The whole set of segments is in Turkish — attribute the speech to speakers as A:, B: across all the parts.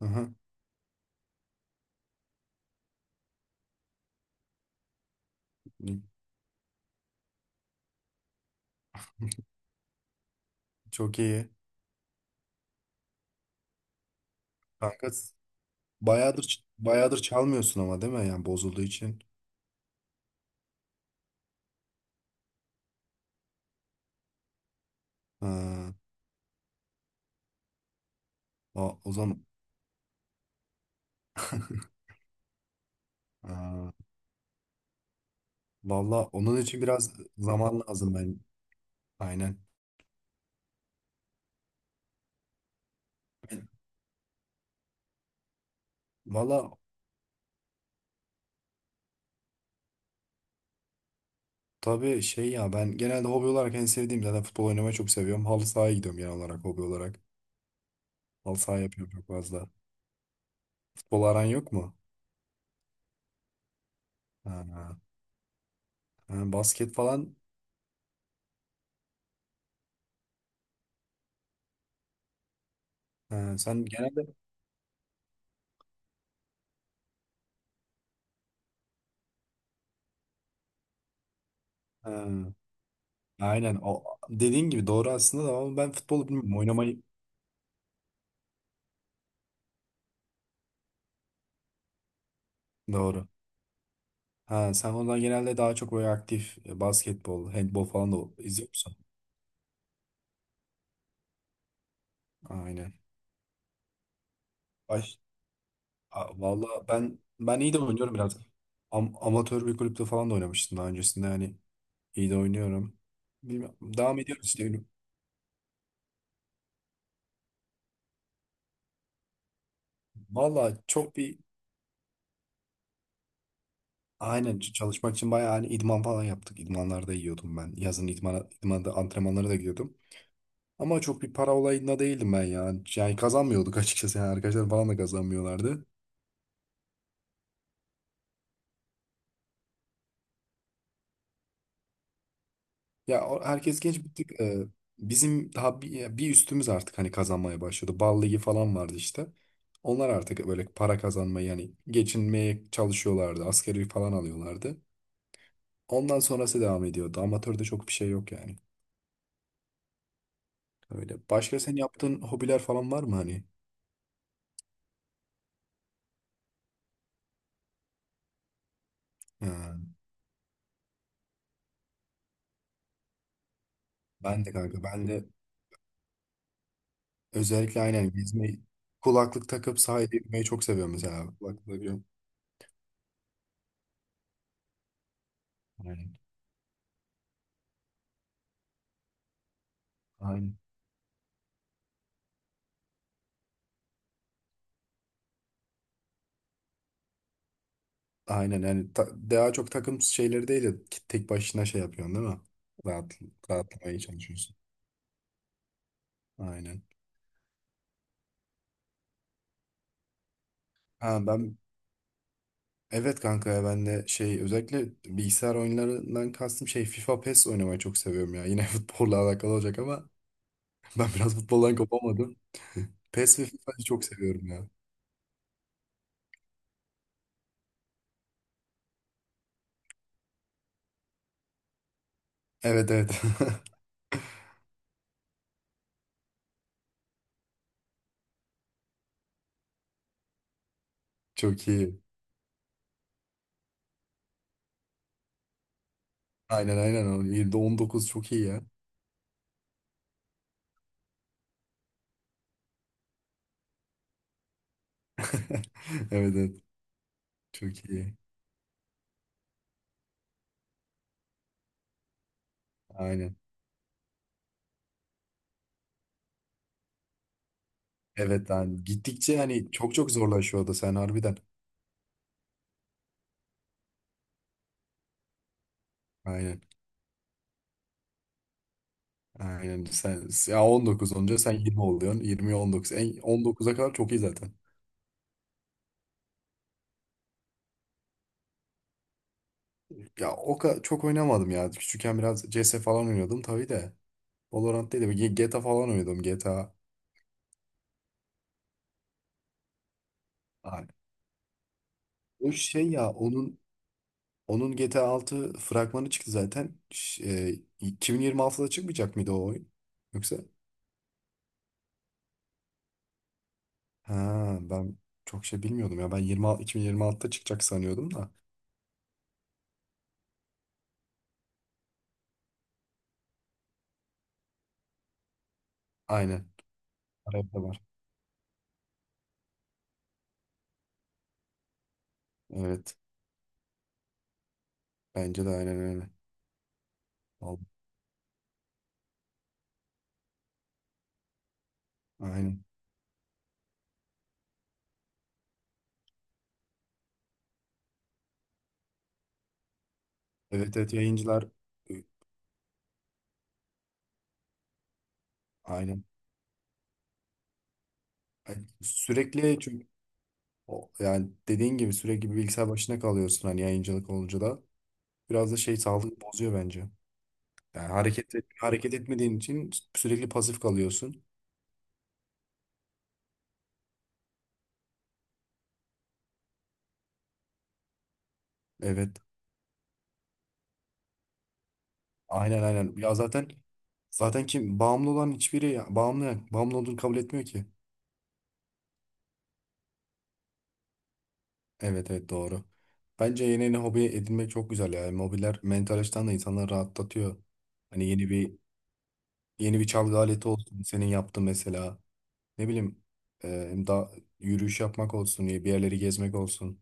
A: Aha. Çok iyi. Kanka bayağıdır çalmıyorsun ama değil mi? Yani bozulduğu için. Ha, o zaman. Ha, Valla onun için biraz zaman lazım ben. Aynen. Ben- Valla, tabii şey ya, ben genelde hobi olarak en sevdiğim zaten futbol oynamayı çok seviyorum. Halı sahaya gidiyorum genel olarak hobi olarak. Halı saha yapıyorum çok fazla. Futbol aran yok mu? Ha, ha, basket falan. Ha, sen genelde ha, Aynen, o dediğin gibi doğru aslında da ama ben futbolu bilmiyorum oynamayı, doğru. Ha sen ondan genelde daha çok böyle aktif, basketbol, handbol falan da izliyor musun? Aynen. Baş, vallahi ben iyi de oynuyorum biraz. Amatör bir kulüpte falan da oynamıştım daha öncesinde, hani iyi de oynuyorum. Bilmiyorum. Devam ediyoruz işte. Vallahi çok bir aynen ç- çalışmak için bayağı, hani idman falan yaptık. İdmanlarda yiyordum ben. Yazın idmanda antrenmanlara da gidiyordum. Ama çok bir para olayında değildim ben ya. Yani kazanmıyorduk açıkçası. Yani arkadaşlar falan da kazanmıyorlardı. Ya herkes genç bir tık, bizim daha bir üstümüz artık hani kazanmaya başladı. Bal ligi falan vardı işte. Onlar artık böyle para kazanmayı, yani geçinmeye çalışıyorlardı. Asgari falan alıyorlardı. Ondan sonrası devam ediyordu. Amatörde çok bir şey yok yani. Öyle. Başka senin yaptığın hobiler falan var mı hani? Ha, ben de kanka, ben de özellikle aynen gezmeyi, kulaklık takıp sahile gitmeyi çok seviyorum mesela. Kulaklık takıyorum. Aynen. Aynen. Aynen, yani daha çok takım şeyleri değil de tek başına şey yapıyorsun değil mi? Rahat, rahatlamaya çalışıyorsun. Aynen. Ha ben evet kanka ya, ben de şey, özellikle bilgisayar oyunlarından kastım şey, FIFA PES oynamayı çok seviyorum ya. Yine futbolla alakalı olacak ama ben biraz futboldan kopamadım. PES ve FIFA'yı çok seviyorum ya. Evet, evet. Çok iyi. Aynen, aynen. 19 çok iyi ya. Evet, evet. Çok iyi. Aynen. Evet, yani gittikçe hani çok çok zorlaşıyor o da sen harbiden. Aynen. Aynen, sen ya 19 olunca sen 20 oluyorsun, 20'ye 19. En 19'a kadar çok iyi zaten. Ya o kadar çok oynamadım ya. Küçükken biraz CS falan oynuyordum tabii de. Valorant değil de GTA falan oynuyordum GTA. Aynen. O şey ya onun GTA 6 fragmanı çıktı zaten. 2026'da çıkmayacak mıydı o oyun? Yoksa ha ben çok şey bilmiyordum ya. Ben 20, 2026'da çıkacak sanıyordum da. Aynen. Arada da var. Evet. Bence de aynen öyle. Vallahi. Aynen. Evet, evet, yayıncılar e, aynen. Ay, sürekli çünkü yani dediğin gibi sürekli bir bilgisayar başına kalıyorsun hani yayıncılık olunca da. Biraz da şey sağlık bozuyor bence. Yani hareket etmediğin için sürekli pasif kalıyorsun. Evet. Aynen, aynen. Ya zaten kim bağımlı olan hiçbiri ya, bağımlı olduğunu kabul etmiyor ki. Evet, evet, doğru. Bence yeni yeni hobi edinmek çok güzel ya. Yani hobiler mental açıdan da insanları rahatlatıyor. Hani yeni bir çalgı aleti olsun senin yaptığın mesela. Ne bileyim e, da yürüyüş yapmak olsun, bir yerleri gezmek olsun.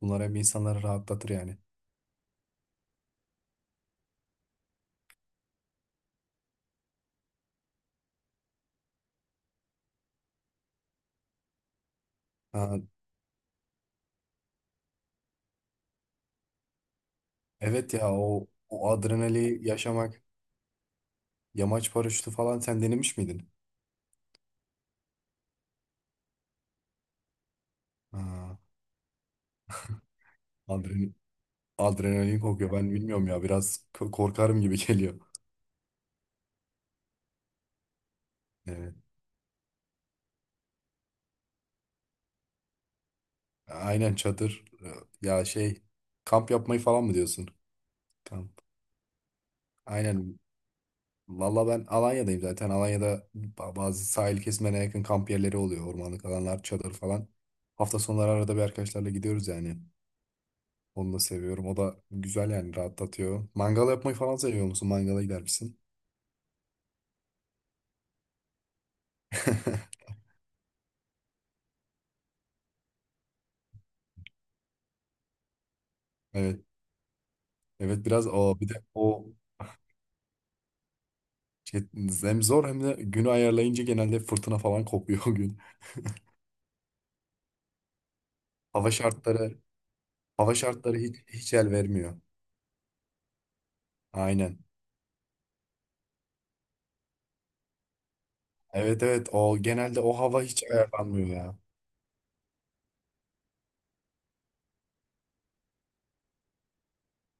A: Bunlar hep insanları rahatlatır yani. Ha, evet ya o adrenali yaşamak, yamaç paraşütü falan sen denemiş miydin? Ha, adren, adrenalin kokuyor ben bilmiyorum ya, biraz korkarım gibi geliyor. Aynen, çadır. Ya şey, kamp yapmayı falan mı diyorsun? Kamp. Aynen. Valla ben Alanya'dayım zaten. Alanya'da bazı sahil kesimlerine yakın kamp yerleri oluyor. Ormanlık alanlar, çadır falan. Hafta sonları arada bir arkadaşlarla gidiyoruz yani. Onu da seviyorum. O da güzel yani rahatlatıyor. Mangal yapmayı falan seviyor musun? Mangala gider misin? Evet. Evet, biraz o, bir de o şey, hem zor hem de günü ayarlayınca genelde fırtına falan kopuyor o gün. Hava şartları hava şartları hiç el vermiyor. Aynen. Evet, evet, o genelde o hava hiç ayarlanmıyor ya.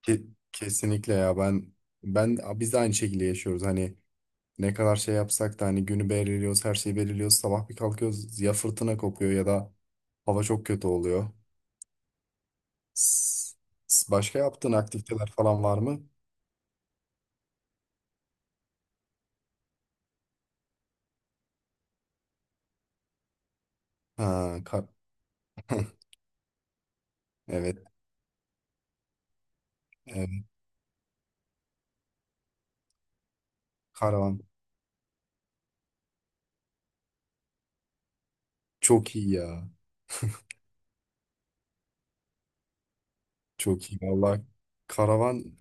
A: Kesinlikle ya ben ben biz de aynı şekilde yaşıyoruz. Hani ne kadar şey yapsak da hani günü belirliyoruz, her şeyi belirliyoruz. Sabah bir kalkıyoruz ya fırtına kopuyor ya da hava çok kötü oluyor. S- Başka yaptığın aktiviteler falan var mı? Ha, kar Evet, evet. Karavan çok iyi ya. Çok iyi vallahi. Karavan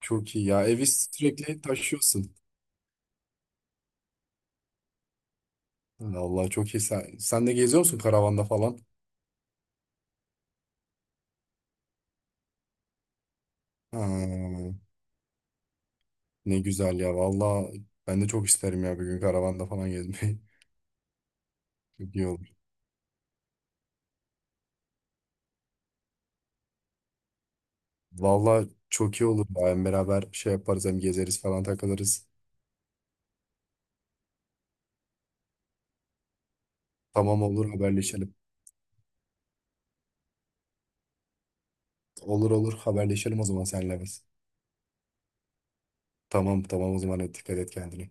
A: çok iyi ya. Evi sürekli taşıyorsun. Vallahi çok iyi. Sen de geziyor musun karavanda falan? Ha, ne güzel ya. Vallahi ben de çok isterim ya bir gün karavanda falan gezmeyi. Çok iyi olur. Vallahi çok iyi olur ya. Hem beraber şey yaparız hem gezeriz falan takılırız. Tamam, olur, haberleşelim. Olur, olur, haberleşelim o zaman senle biz. Tamam, tamam, o zaman hadi dikkat et kendine.